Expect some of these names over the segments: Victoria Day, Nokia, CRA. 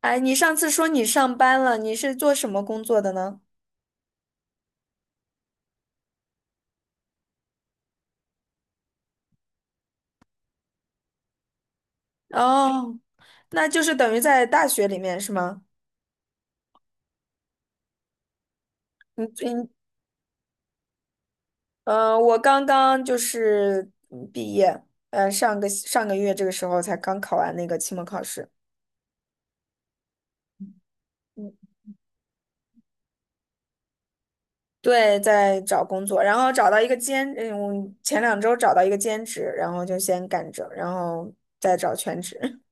哎，你上次说你上班了，你是做什么工作的呢？哦，那就是等于在大学里面是吗？你你我刚刚就是毕业，上个月这个时候才刚考完那个期末考试。对，在找工作，然后找到一个兼，前两周找到一个兼职，然后就先干着，然后再找全职。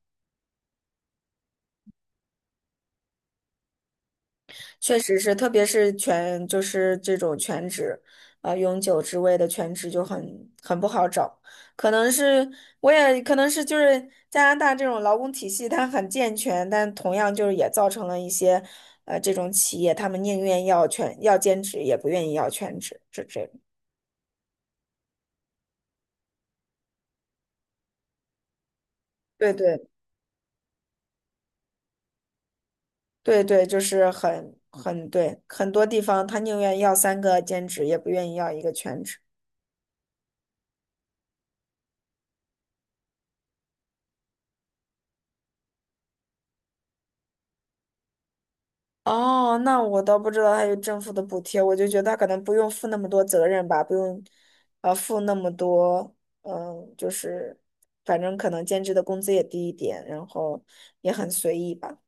确实是，特别是全就是这种全职，啊、永久职位的全职就很不好找。可能是我也可能是就是加拿大这种劳工体系它很健全，但同样就是也造成了一些，这种企业他们宁愿要全要兼职，也不愿意要全职，这种对对对对，就是很对，很多地方他宁愿要三个兼职，也不愿意要一个全职。哦，那我倒不知道还有政府的补贴，我就觉得他可能不用负那么多责任吧，不用，负那么多，就是，反正可能兼职的工资也低一点，然后也很随意吧。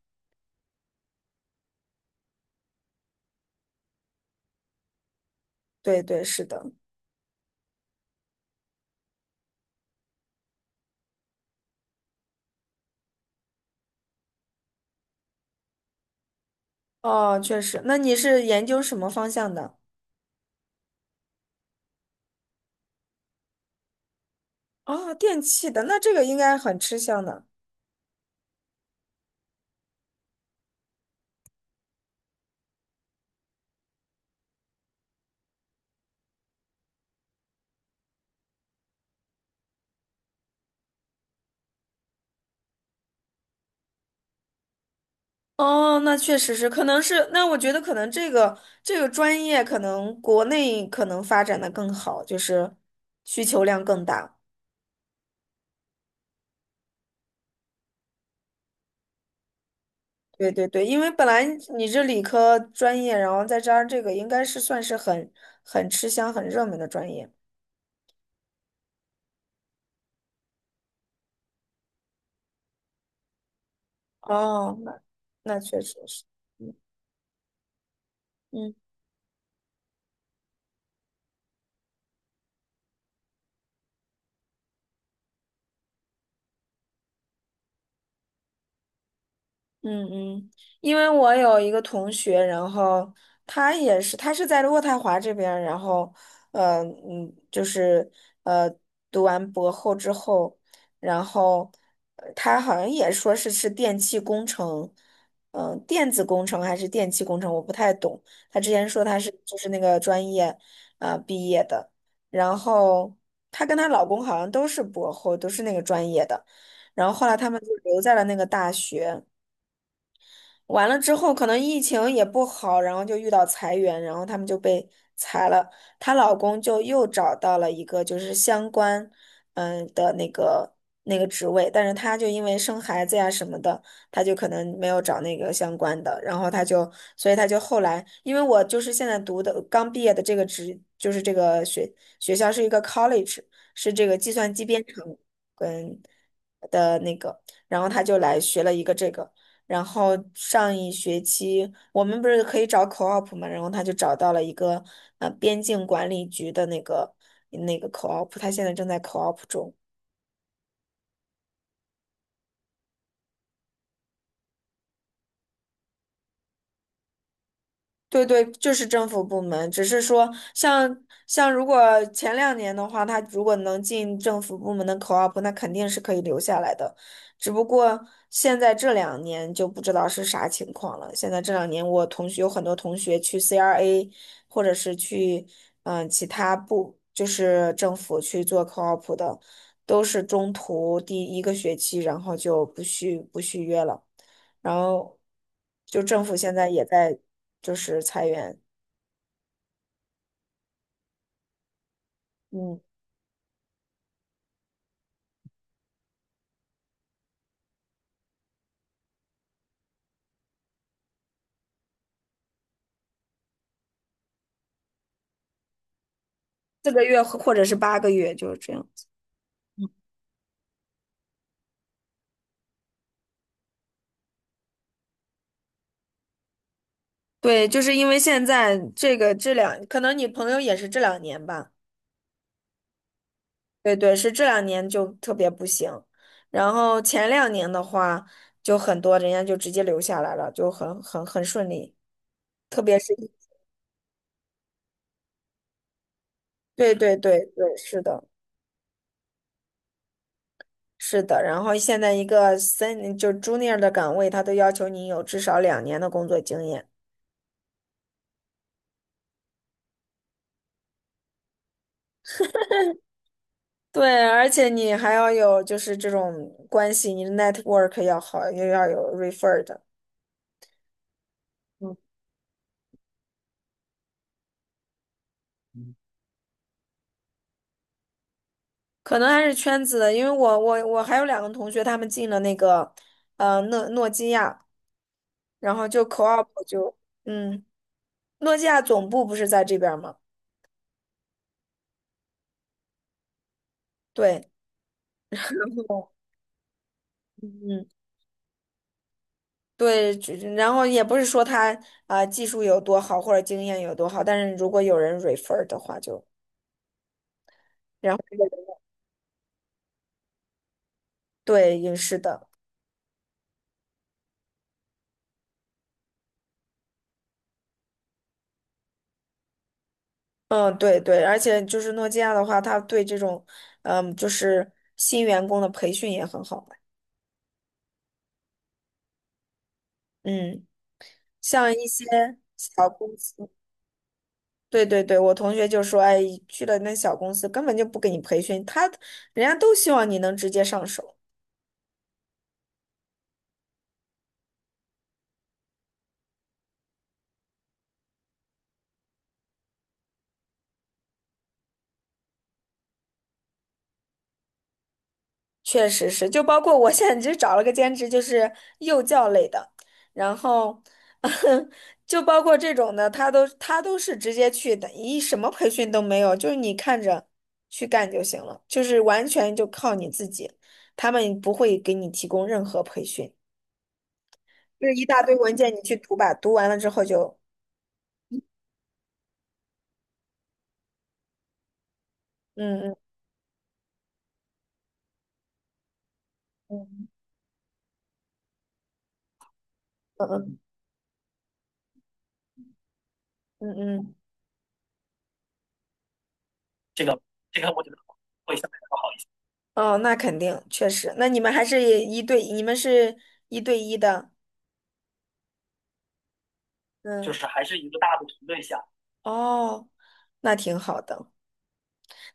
对对，是的。哦，确实。那你是研究什么方向的？哦，电器的，那这个应该很吃香的。哦，那确实是，可能是，那我觉得可能这个专业可能国内可能发展的更好，就是需求量更大。对对对，因为本来你这理科专业，然后再加上这个，应该是算是很吃香、很热门的专业。哦，那那确实是，嗯。嗯嗯，因为我有一个同学，然后他也是，他是在渥太华这边儿然后，就是呃，读完博后之后，然后他好像也说是电气工程，嗯、电子工程还是电气工程，我不太懂。他之前说他是就是那个专业，毕业的，然后她跟她老公好像都是博后，都是那个专业的，然后后来他们就留在了那个大学。完了之后，可能疫情也不好，然后就遇到裁员，然后他们就被裁了。她老公就又找到了一个就是相关，那个那个职位，但是她就因为生孩子呀什么的，她就可能没有找那个相关的，然后她就，所以她就后来，因为我就是现在读的刚毕业的这个职，就是这个学校是一个 college,是这个计算机编程跟的那个，然后他就来学了一个这个，然后上一学期我们不是可以找 co-op 嘛，然后他就找到了一个边境管理局的那个那个 co-op,他现在正在 co-op 中。对对，就是政府部门，只是说像如果前两年的话，他如果能进政府部门的 co-op,那肯定是可以留下来的。只不过现在这两年就不知道是啥情况了。现在这两年，我同学有很多同学去 CRA,或者是去其他部，就是政府去做 co-op 的，都是中途第一个学期，然后就不续约了。然后就政府现在也在就是裁员，嗯，四个月或者是八个月，就是这样。对，就是因为现在这个这两，可能你朋友也是这两年吧。对对，是这两年就特别不行，然后前两年的话，就很多人家就直接留下来了，就很顺利，特别是对对对对，是的，是的。然后现在一个三就 junior 的岗位，他都要求你有至少两年的工作经验。对，而且你还要有就是这种关系，你的 network 要好，又要有 refer 的，可能还是圈子的，因为我还有两个同学，他们进了那个诺基亚，然后就 co-op 就嗯，诺基亚总部不是在这边儿吗？对，嗯，对，就然后也不是说他啊、技术有多好或者经验有多好，但是如果有人 refer 的话就，然后对，也是的。嗯，对对，而且就是诺基亚的话，它对这种，嗯，就是新员工的培训也很好嘛嗯，像一些小公司，对对对，我同学就说，哎，去了那小公司根本就不给你培训，他人家都希望你能直接上手。确实是，就包括我现在就找了个兼职，就是幼教类的，然后 就包括这种的，他都是直接去的，一什么培训都没有，就是你看着去干就行了，就是完全就靠你自己，他们不会给你提供任何培训，就是一大堆文件你去读吧，读完了之后就嗯嗯嗯嗯嗯嗯。嗯嗯这个我觉得会相对来说好一些。哦，那肯定，确实。那你们还是一对，你们是一对一的，就嗯，就是还是一个大的团队下。哦，那挺好的，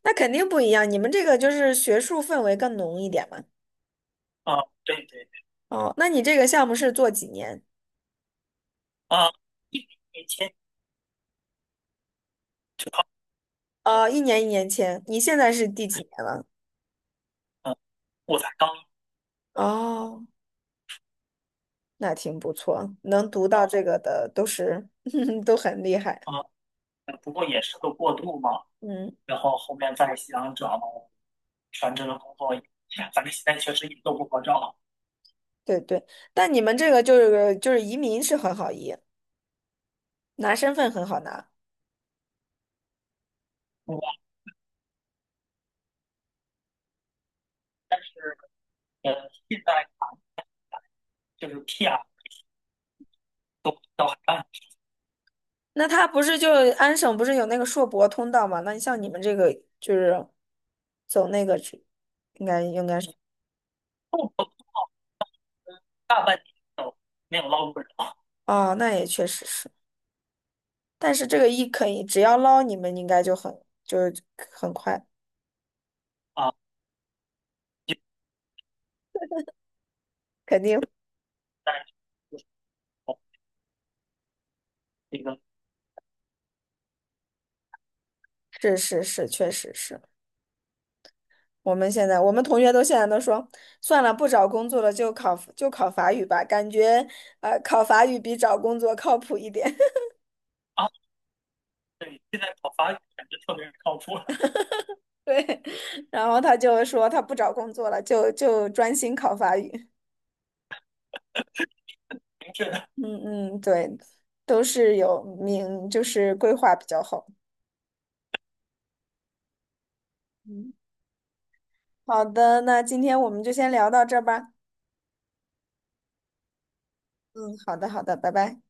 那肯定不一样。你们这个就是学术氛围更浓一点嘛。啊、对对对，哦，那你这个项目是做几年？啊、一年一签就好哦，一年一年签，你现在是第几年了？嗯、我才刚哦，那挺不错，能读到这个的都是 都很厉害。不过也是个过渡嘛。嗯然后后面再想找全职的工作，反正现在确实也都不好找。对对，但你们这个就是移民是很好移，拿身份很好拿。我现在就是 PR 都都还办，那他不是就安省不是有那个硕博通道吗？那你像你们这个就是走那个去，应该是不大半年都没有捞过人啊。哦，那也确实是。但是这个一可以，只要捞你们应该就很就是很快，啊，就肯定但是就是哦这个是是是，确实是。我们现在我们同学都现在都说，算了，不找工作了，就考法语吧，感觉考法语比找工作靠谱一点。啊，对，现在考法语感觉特别靠谱。对，然后他就说他不找工作了，就专心考法语。是的嗯嗯，对，都是有名，就是规划比较好。嗯好的，那今天我们就先聊到这儿吧。嗯，好的，好的，拜拜。